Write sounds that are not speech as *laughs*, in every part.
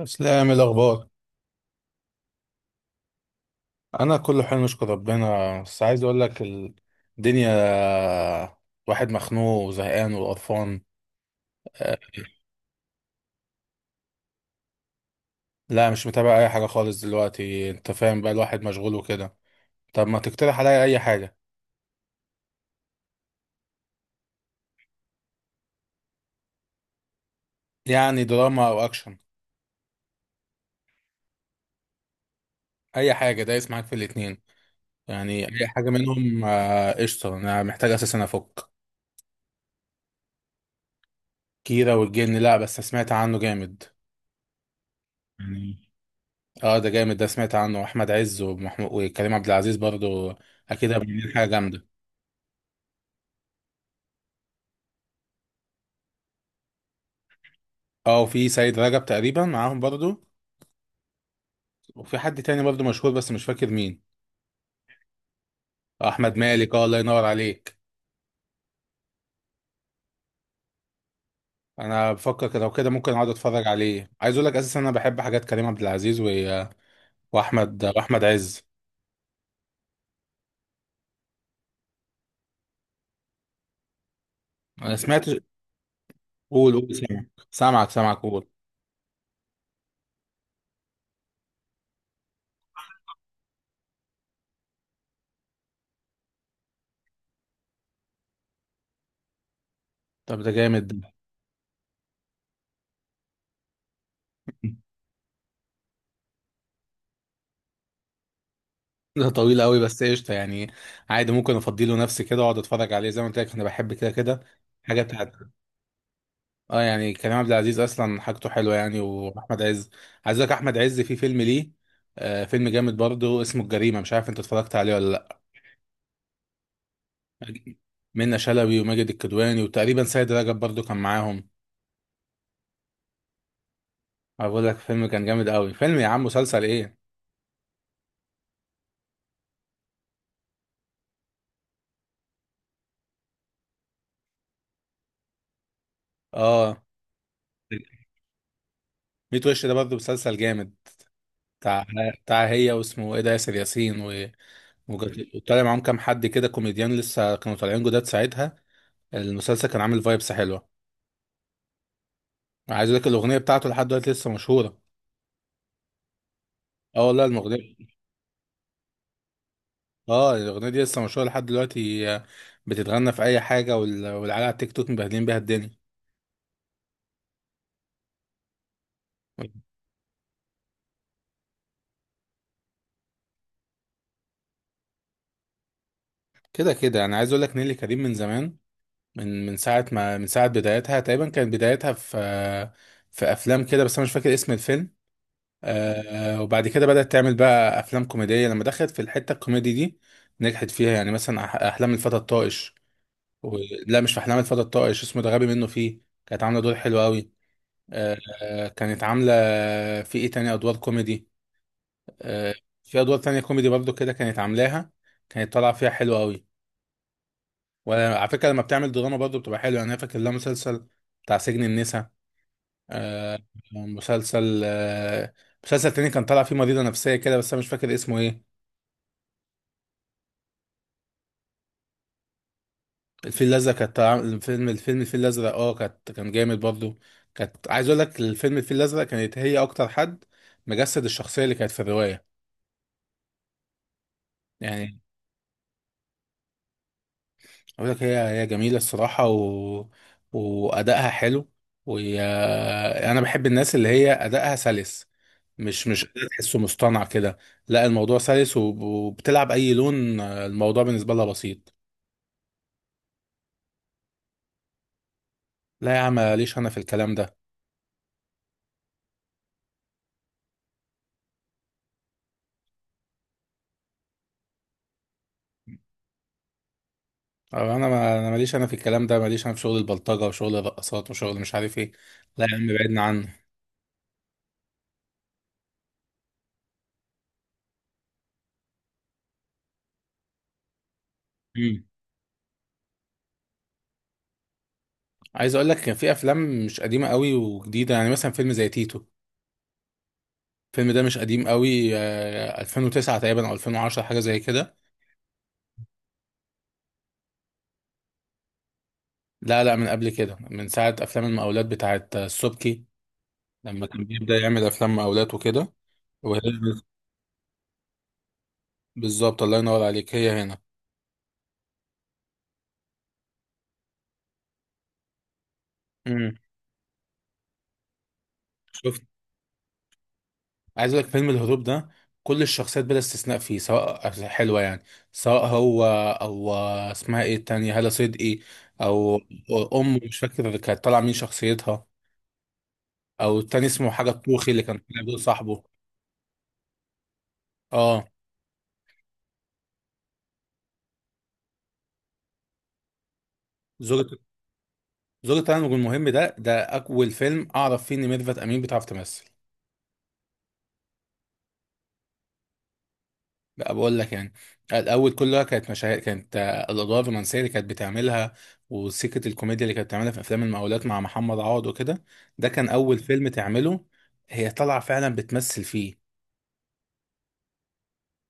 اسلام الاخبار. انا كله حلو نشكر ربنا بس عايز اقول لك الدنيا. واحد مخنوق وزهقان وقرفان. آه، لا مش متابع اي حاجه خالص دلوقتي، انت فاهم بقى الواحد مشغول وكده. طب ما تقترح عليا اي حاجه. يعني دراما او اكشن. اي حاجه دايس معاك في الاتنين. يعني اي حاجه منهم، قشطه، انا محتاج اساسا افك. كيرة والجن، لا بس سمعت عنه جامد. يعني. اه ده جامد ده، سمعت عنه احمد عز ومحمود وكريم عبد العزيز برضو. اكيد هيبقوا عاملين حاجه جامده. اه وفي سيد رجب تقريبا معاهم برضو. وفي حد تاني برضو مشهور بس مش فاكر مين. احمد مالك، اه الله ينور عليك. انا بفكر كده وكده ممكن اقعد اتفرج عليه. عايز اقول لك اساسا انا بحب حاجات كريم عبد العزيز واحمد عز. انا سمعت، قول قول سامعك سامعك سامعك قول. طب ده جامد ده. *laughs* ده طويل قوي بس قشطه يعني، عادي ممكن افضي له نفسي كده واقعد اتفرج عليه. زي ما قلت لك انا بحب كده كده حاجه بتاعت. اه يعني كريم عبد العزيز اصلا حاجته حلوه يعني، واحمد عز. عايز اقول لك احمد عز في فيلم ليه، آه فيلم جامد برضه اسمه الجريمه، مش عارف انت اتفرجت عليه ولا لا. منة شلبي وماجد الكدواني وتقريبا سيد رجب برضه كان معاهم. اقول لك فيلم كان جامد قوي. فيلم يا عم، مسلسل ايه. اه 100 وش ده برضه مسلسل جامد، بتاع هي واسمه ايه ده، ياسر ياسين وطالع معاهم كام حد كده كوميديان لسه كانوا طالعين جداد ساعتها. المسلسل كان عامل فايبس حلوه. عايز اقول لك الاغنيه بتاعته لحد دلوقتي لسه مشهوره. اه والله الاغنيه، اه الاغنيه دي لسه مشهوره لحد دلوقتي، بتتغنى في اي حاجه والعيال على التيك توك مبهدلين بيها الدنيا. كده كده انا عايز اقول لك نيلي كريم من زمان. من ساعه ما، من ساعه بدايتها تقريبا كانت بدايتها في في افلام كده بس انا مش فاكر اسم الفيلم. آه وبعد كده بدات تعمل بقى افلام كوميديه لما دخلت في الحته الكوميدي دي نجحت فيها. يعني مثلا احلام الفتى الطائش و... لا مش في احلام الفتى الطائش، اسمه ده غبي منه فيه. كانت عامله دور حلو قوي، كانت عاملة في ايه تاني ادوار كوميدي. آه، في ادوار تانية كوميدي برضو كده كانت عاملاها، كانت طالعة فيها حلوة قوي. وعلى فكرة لما بتعمل دراما برضو بتبقى حلوة. يعني انا فاكر لها مسلسل بتاع سجن النساء، آه، مسلسل، مسلسل تاني كان طالع فيه مريضة نفسية كده بس انا مش فاكر اسمه ايه. الفيل الازرق، الفيل الازرق، اه كان جامد برضو. كانت، عايز اقول لك الفيلم الفيل الازرق كانت هي اكتر حد مجسد الشخصية اللي كانت في الرواية. يعني اقول لك هي هي جميله الصراحه وادائها حلو. وهي، انا بحب الناس اللي هي ادائها سلس، مش أداء تحسه مصطنع كده. لا الموضوع سلس وبتلعب اي لون، الموضوع بالنسبه لها بسيط. لا يا عم ماليش انا في الكلام ده. أو انا ما انا ماليش انا في الكلام ده، ماليش انا في شغل البلطجه وشغل الرقصات وشغل مش عارف ايه. لا يا عم بعدنا عنه. مم. عايز اقول لك كان في افلام مش قديمه قوي وجديده، يعني مثلا فيلم زي تيتو. الفيلم ده مش قديم قوي، 2009 تقريبا او 2010، حاجه زي كده. لا لا من قبل كده، من ساعه افلام المقاولات بتاعت السبكي، لما كان بيبدا يعمل افلام مقاولات وكده. وهي بالظبط، الله ينور عليك، هي هنا. امم شفت، عايز اقول لك فيلم الهروب ده كل الشخصيات بلا استثناء فيه سواء حلوه. يعني سواء هو او اسمها ايه التانية هالة صدقي، او امه مش فاكر كانت طالعه مين شخصيتها، او التاني اسمه حاجه الطوخي اللي كان طالع دور صاحبه. اه زوجة زوجة التزوج المهم، ده أول فيلم أعرف فيه إن ميرفت أمين بتعرف تمثل. بقى بقول لك يعني الأول كلها كانت مشاهد، كانت الأدوار الرومانسية اللي كانت بتعملها وسكة الكوميديا اللي كانت بتعملها في أفلام المقاولات مع محمد عوض وكده. ده كان أول فيلم تعمله هي طالعة فعلا بتمثل فيه.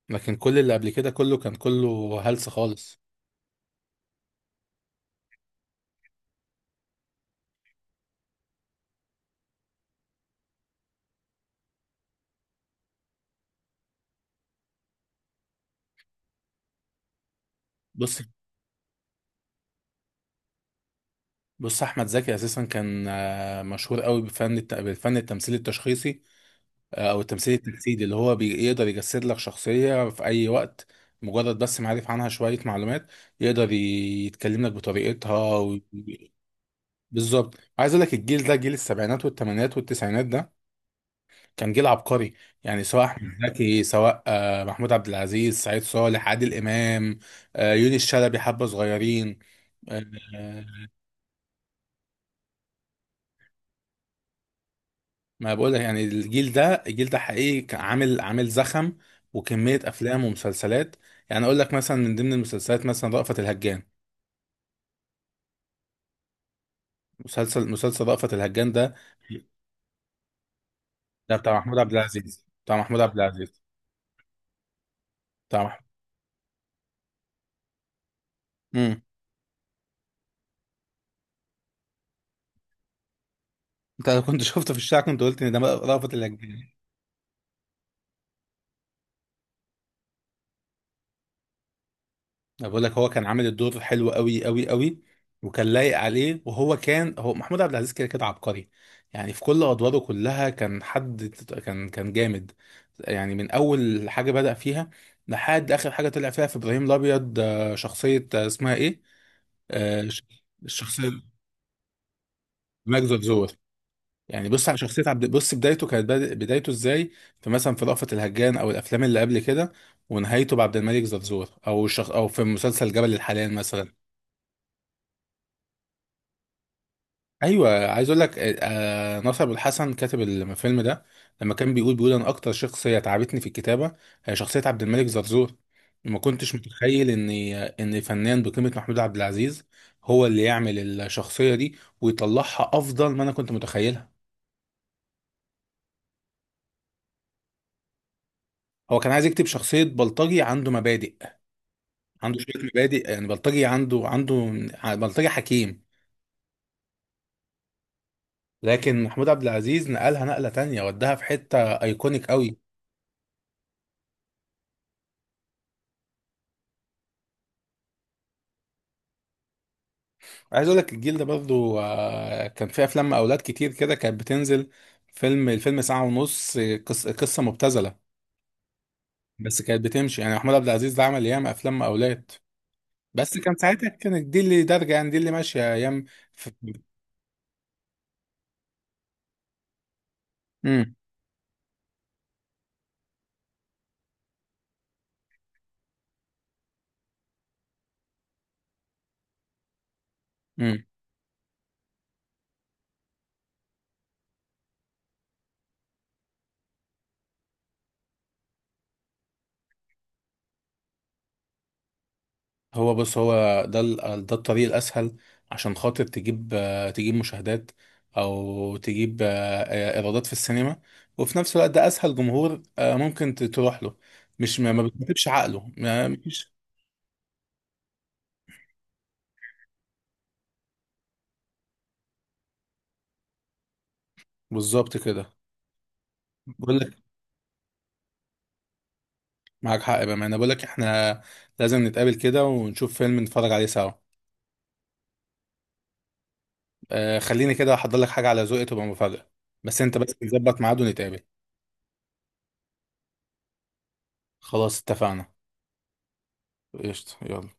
لكن كل اللي قبل كده كله كان كله هلس خالص. بص بص، أحمد زكي أساسا كان مشهور قوي بالفن التمثيلي التشخيصي، او التمثيل التجسيدي، اللي هو بيقدر يجسد لك شخصية في اي وقت. مجرد بس معرف عنها شوية معلومات، يقدر يتكلم لك بطريقتها بالظبط، عايز اقول لك الجيل ده، جيل السبعينات والثمانينات والتسعينات ده، كان جيل عبقري. يعني سواء احمد زكي، سواء محمود عبد العزيز، سعيد صالح، عادل امام، يونس شلبي، حبة صغيرين. آه، ما بقول لك يعني الجيل ده الجيل ده حقيقي كان عامل زخم وكمية أفلام ومسلسلات. يعني أقول لك مثلا من ضمن المسلسلات مثلا رأفت الهجان. مسلسل رأفت الهجان ده، بتاع محمود عبد العزيز، بتاع محمود عبد العزيز، بتاع محمود. امم انت لو كنت *laughs* شفته في الشارع كنت قلت ان ده رأفت الهجان. أنا بقول لك هو كان عامل الدور حلو قوي قوي قوي، وكان لايق عليه. وهو كان، هو محمود عبد العزيز كده كده عبقري. يعني في كل ادواره كلها كان حد، كان جامد. يعني من اول حاجه بدأ فيها لحد اخر حاجه طلع فيها في ابراهيم الابيض، شخصيه، اسمها ايه، آه، ش- الشخصيه ماجد زرزور. يعني بص على شخصيه عبد، بص بدايته كانت بدايته ازاي في مثلا في رأفت الهجان او الافلام اللي قبل كده، ونهايته بعبد الملك زرزور، او في مسلسل جبل الحلال مثلا. ايوه عايز اقول لك ناصر أبو الحسن كاتب الفيلم ده، لما كان بيقول، بيقول انا اكتر شخصيه تعبتني في الكتابه هي شخصيه عبد الملك زرزور. ما كنتش متخيل ان فنان بقيمه محمود عبد العزيز هو اللي يعمل الشخصيه دي ويطلعها افضل ما انا كنت متخيلها. هو كان عايز يكتب شخصيه بلطجي عنده مبادئ، عنده شويه مبادئ، يعني بلطجي عنده بلطجي حكيم. لكن محمود عبد العزيز نقلها نقله تانية وداها في حته ايكونيك قوي. عايز اقول لك الجيل ده برضو كان فيه افلام اولاد كتير كده كانت بتنزل. فيلم الفيلم ساعة ونص، قصة مبتذلة، بس كانت بتمشي. يعني محمود عبد العزيز ده عمل ياما افلام اولاد، بس كان ساعتها كانت دي اللي دارجة، يعني دي اللي ماشية ايام في... مم. مم. هو بص، هو ده ده الطريق الاسهل عشان خاطر تجيب، تجيب مشاهدات، او تجيب ايرادات في السينما. وفي نفس الوقت ده اسهل جمهور ممكن تروح له. مش ما بتكتبش عقله، مفيش. بالظبط كده، بقول لك. معاك حق بقى، انا بقول لك احنا لازم نتقابل كده ونشوف فيلم نتفرج عليه سوا. آه خليني كده احضر لك حاجه على ذوقي تبقى مفاجاه، بس انت بس نظبط ميعاد ونتقابل. خلاص اتفقنا. قشطه، يلا.